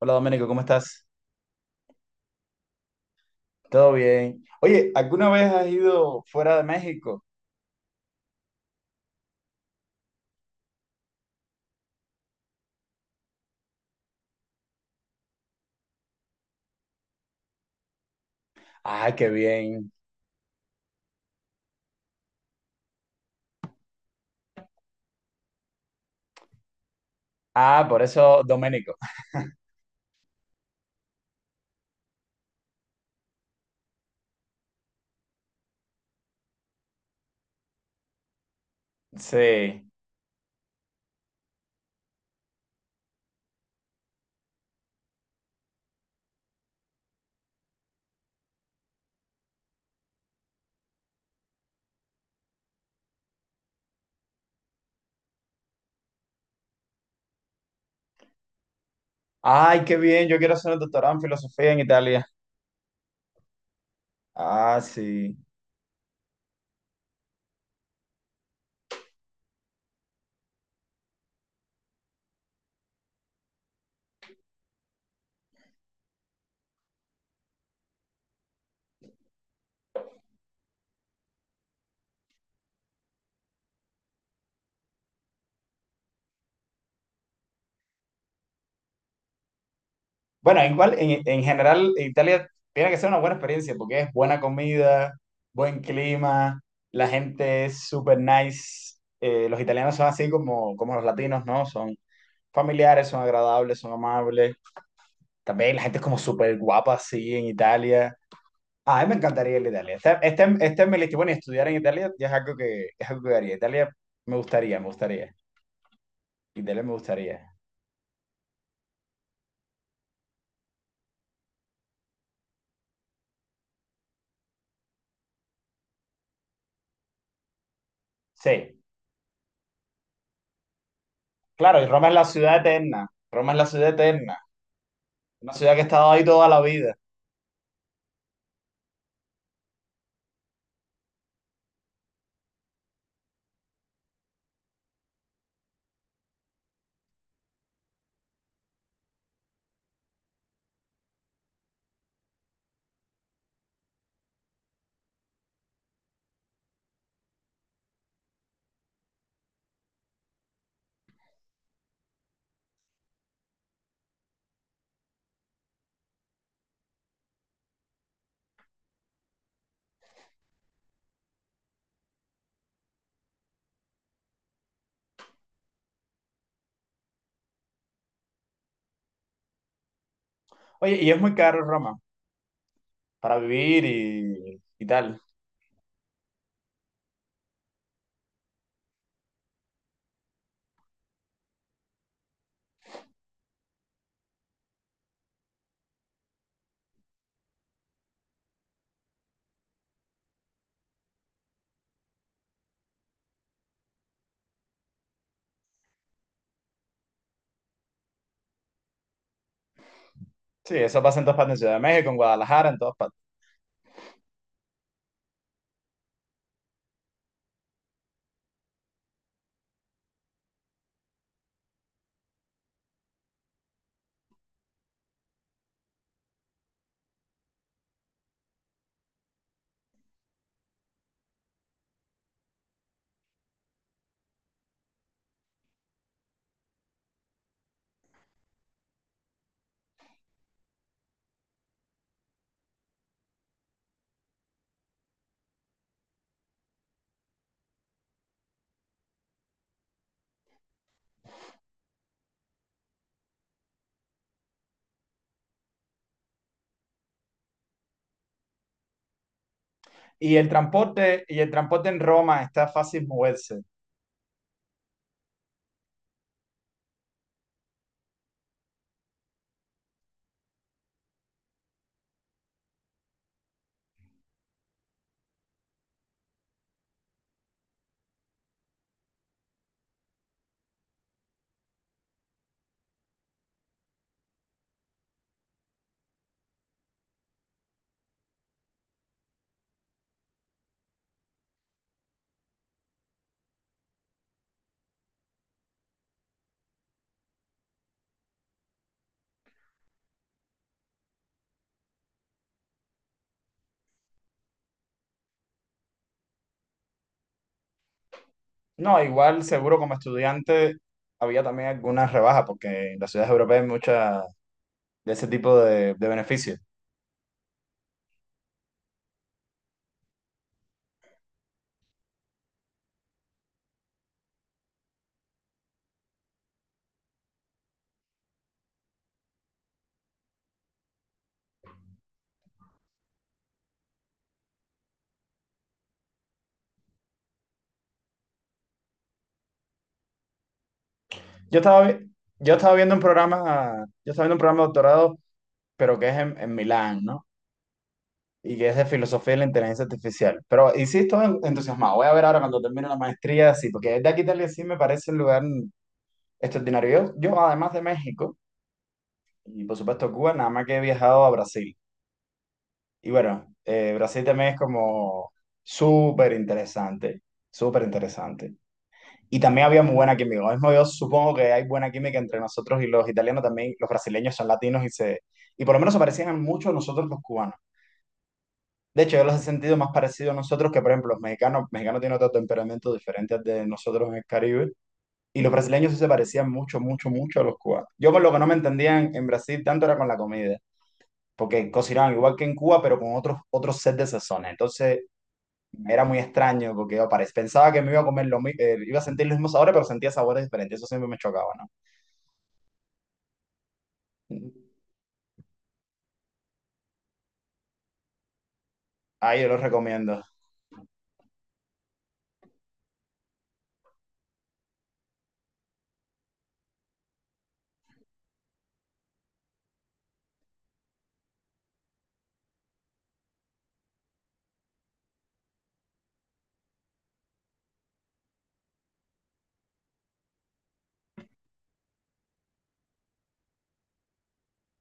Hola Doménico, ¿cómo estás? ¿Todo bien? Oye, ¿alguna vez has ido fuera de México? Ay, qué bien. Ah, por eso Doménico. Sí. Ay, qué bien, yo quiero hacer un doctorado en filosofía en Italia. Ah, sí. Bueno, igual en general en Italia tiene que ser una buena experiencia porque es buena comida, buen clima, la gente es súper nice. Los italianos son así como, como los latinos, ¿no? Son familiares, son agradables, son amables. También la gente es como súper guapa así en Italia. A mí me encantaría ir a Italia. Este es mi lista. Bueno, y estudiar en Italia ya es algo que haría. Italia me gustaría, me gustaría. Italia me gustaría. Sí, claro, y Roma es la ciudad eterna. Roma es la ciudad eterna. Una ciudad que ha estado ahí toda la vida. Oye, y es muy caro Roma para vivir y tal. Sí, eso pasa en todas partes, en Ciudad de México, en Guadalajara, en todas partes. Y el transporte en Roma está fácil moverse. No, igual seguro como estudiante había también algunas rebajas porque en las ciudades europeas hay muchas de ese tipo de beneficios. Yo estaba, vi- yo estaba viendo un programa, yo estaba viendo un programa de doctorado, pero que es en Milán, ¿no? Y que es de filosofía de la inteligencia artificial. Pero y sí estoy entusiasmado. Voy a ver ahora cuando termine la maestría, sí, porque de aquí a Italia sí me parece un lugar extraordinario. Yo además de México y por supuesto Cuba, nada más que he viajado a Brasil. Y bueno, Brasil también es como súper interesante, súper interesante. Y también había muy buena química. Lo mismo yo supongo que hay buena química entre nosotros y los italianos también. Los brasileños son latinos y se... Y por lo menos se parecían mucho a nosotros los cubanos. De hecho, yo los he sentido más parecidos a nosotros que, por ejemplo, los mexicanos. Los mexicanos tienen otro temperamento diferente al de nosotros en el Caribe. Y los brasileños sí se parecían mucho, mucho, mucho a los cubanos. Yo con lo que no me entendían en Brasil tanto era con la comida porque cocinaban igual que en Cuba, pero con otros, otros set de sazones. Entonces, era muy extraño porque pensaba que me iba a comer iba a sentir los mismos sabores, pero sentía sabores diferentes. Eso siempre me chocaba, ¿no? Ahí yo lo recomiendo.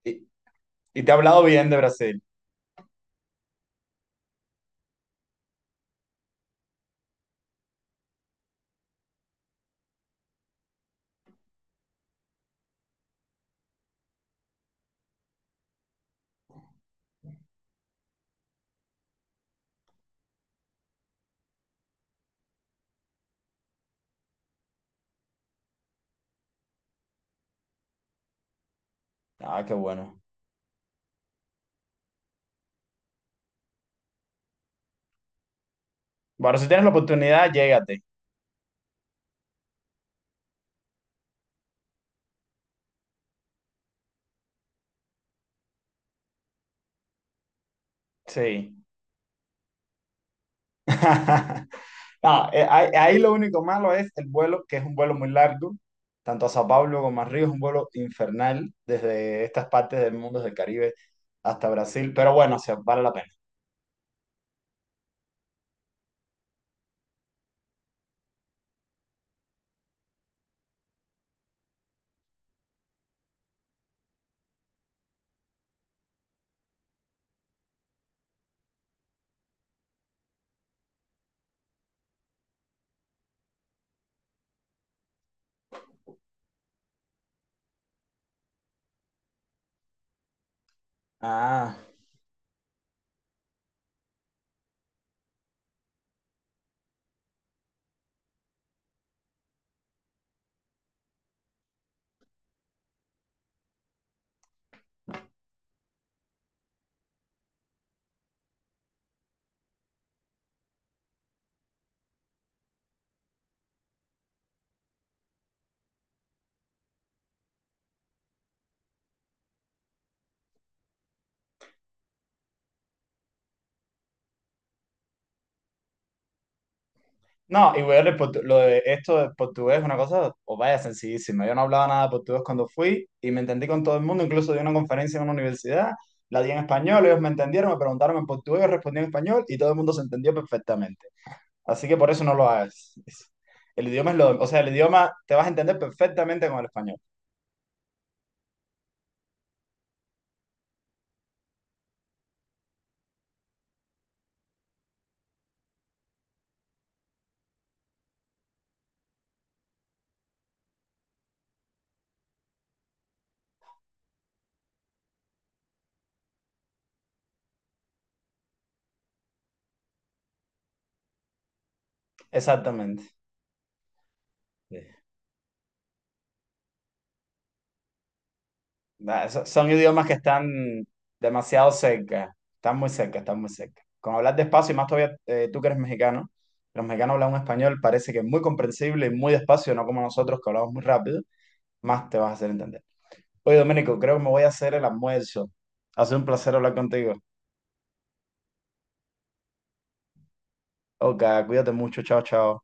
Y, y te he hablado bien de Brasil. Ah, qué bueno. Bueno, si tienes la oportunidad, llégate. Sí. No, ahí lo único malo es el vuelo, que es un vuelo muy largo, tanto a Sao Paulo como a Río, es un vuelo infernal desde estas partes del mundo del Caribe hasta Brasil, pero bueno, o sea, vale la pena. Ah. No, y weón, lo de esto de portugués es una cosa, o vaya, sencillísima. Yo no hablaba nada de portugués cuando fui y me entendí con todo el mundo, incluso di una conferencia en una universidad, la di en español, ellos me entendieron, me preguntaron en portugués, yo respondí en español y todo el mundo se entendió perfectamente. Así que por eso no lo hagas. El idioma es lo, o sea, el idioma te vas a entender perfectamente con el español. Exactamente. Son idiomas que están demasiado cerca, están muy cerca, están muy cerca. Con hablar despacio, y más todavía tú que eres mexicano, los mexicanos hablan un español, parece que es muy comprensible y muy despacio, no como nosotros que hablamos muy rápido, más te vas a hacer entender. Oye, Domenico, creo que me voy a hacer el almuerzo. Ha sido un placer hablar contigo. Ok, cuídate mucho, chao, chao.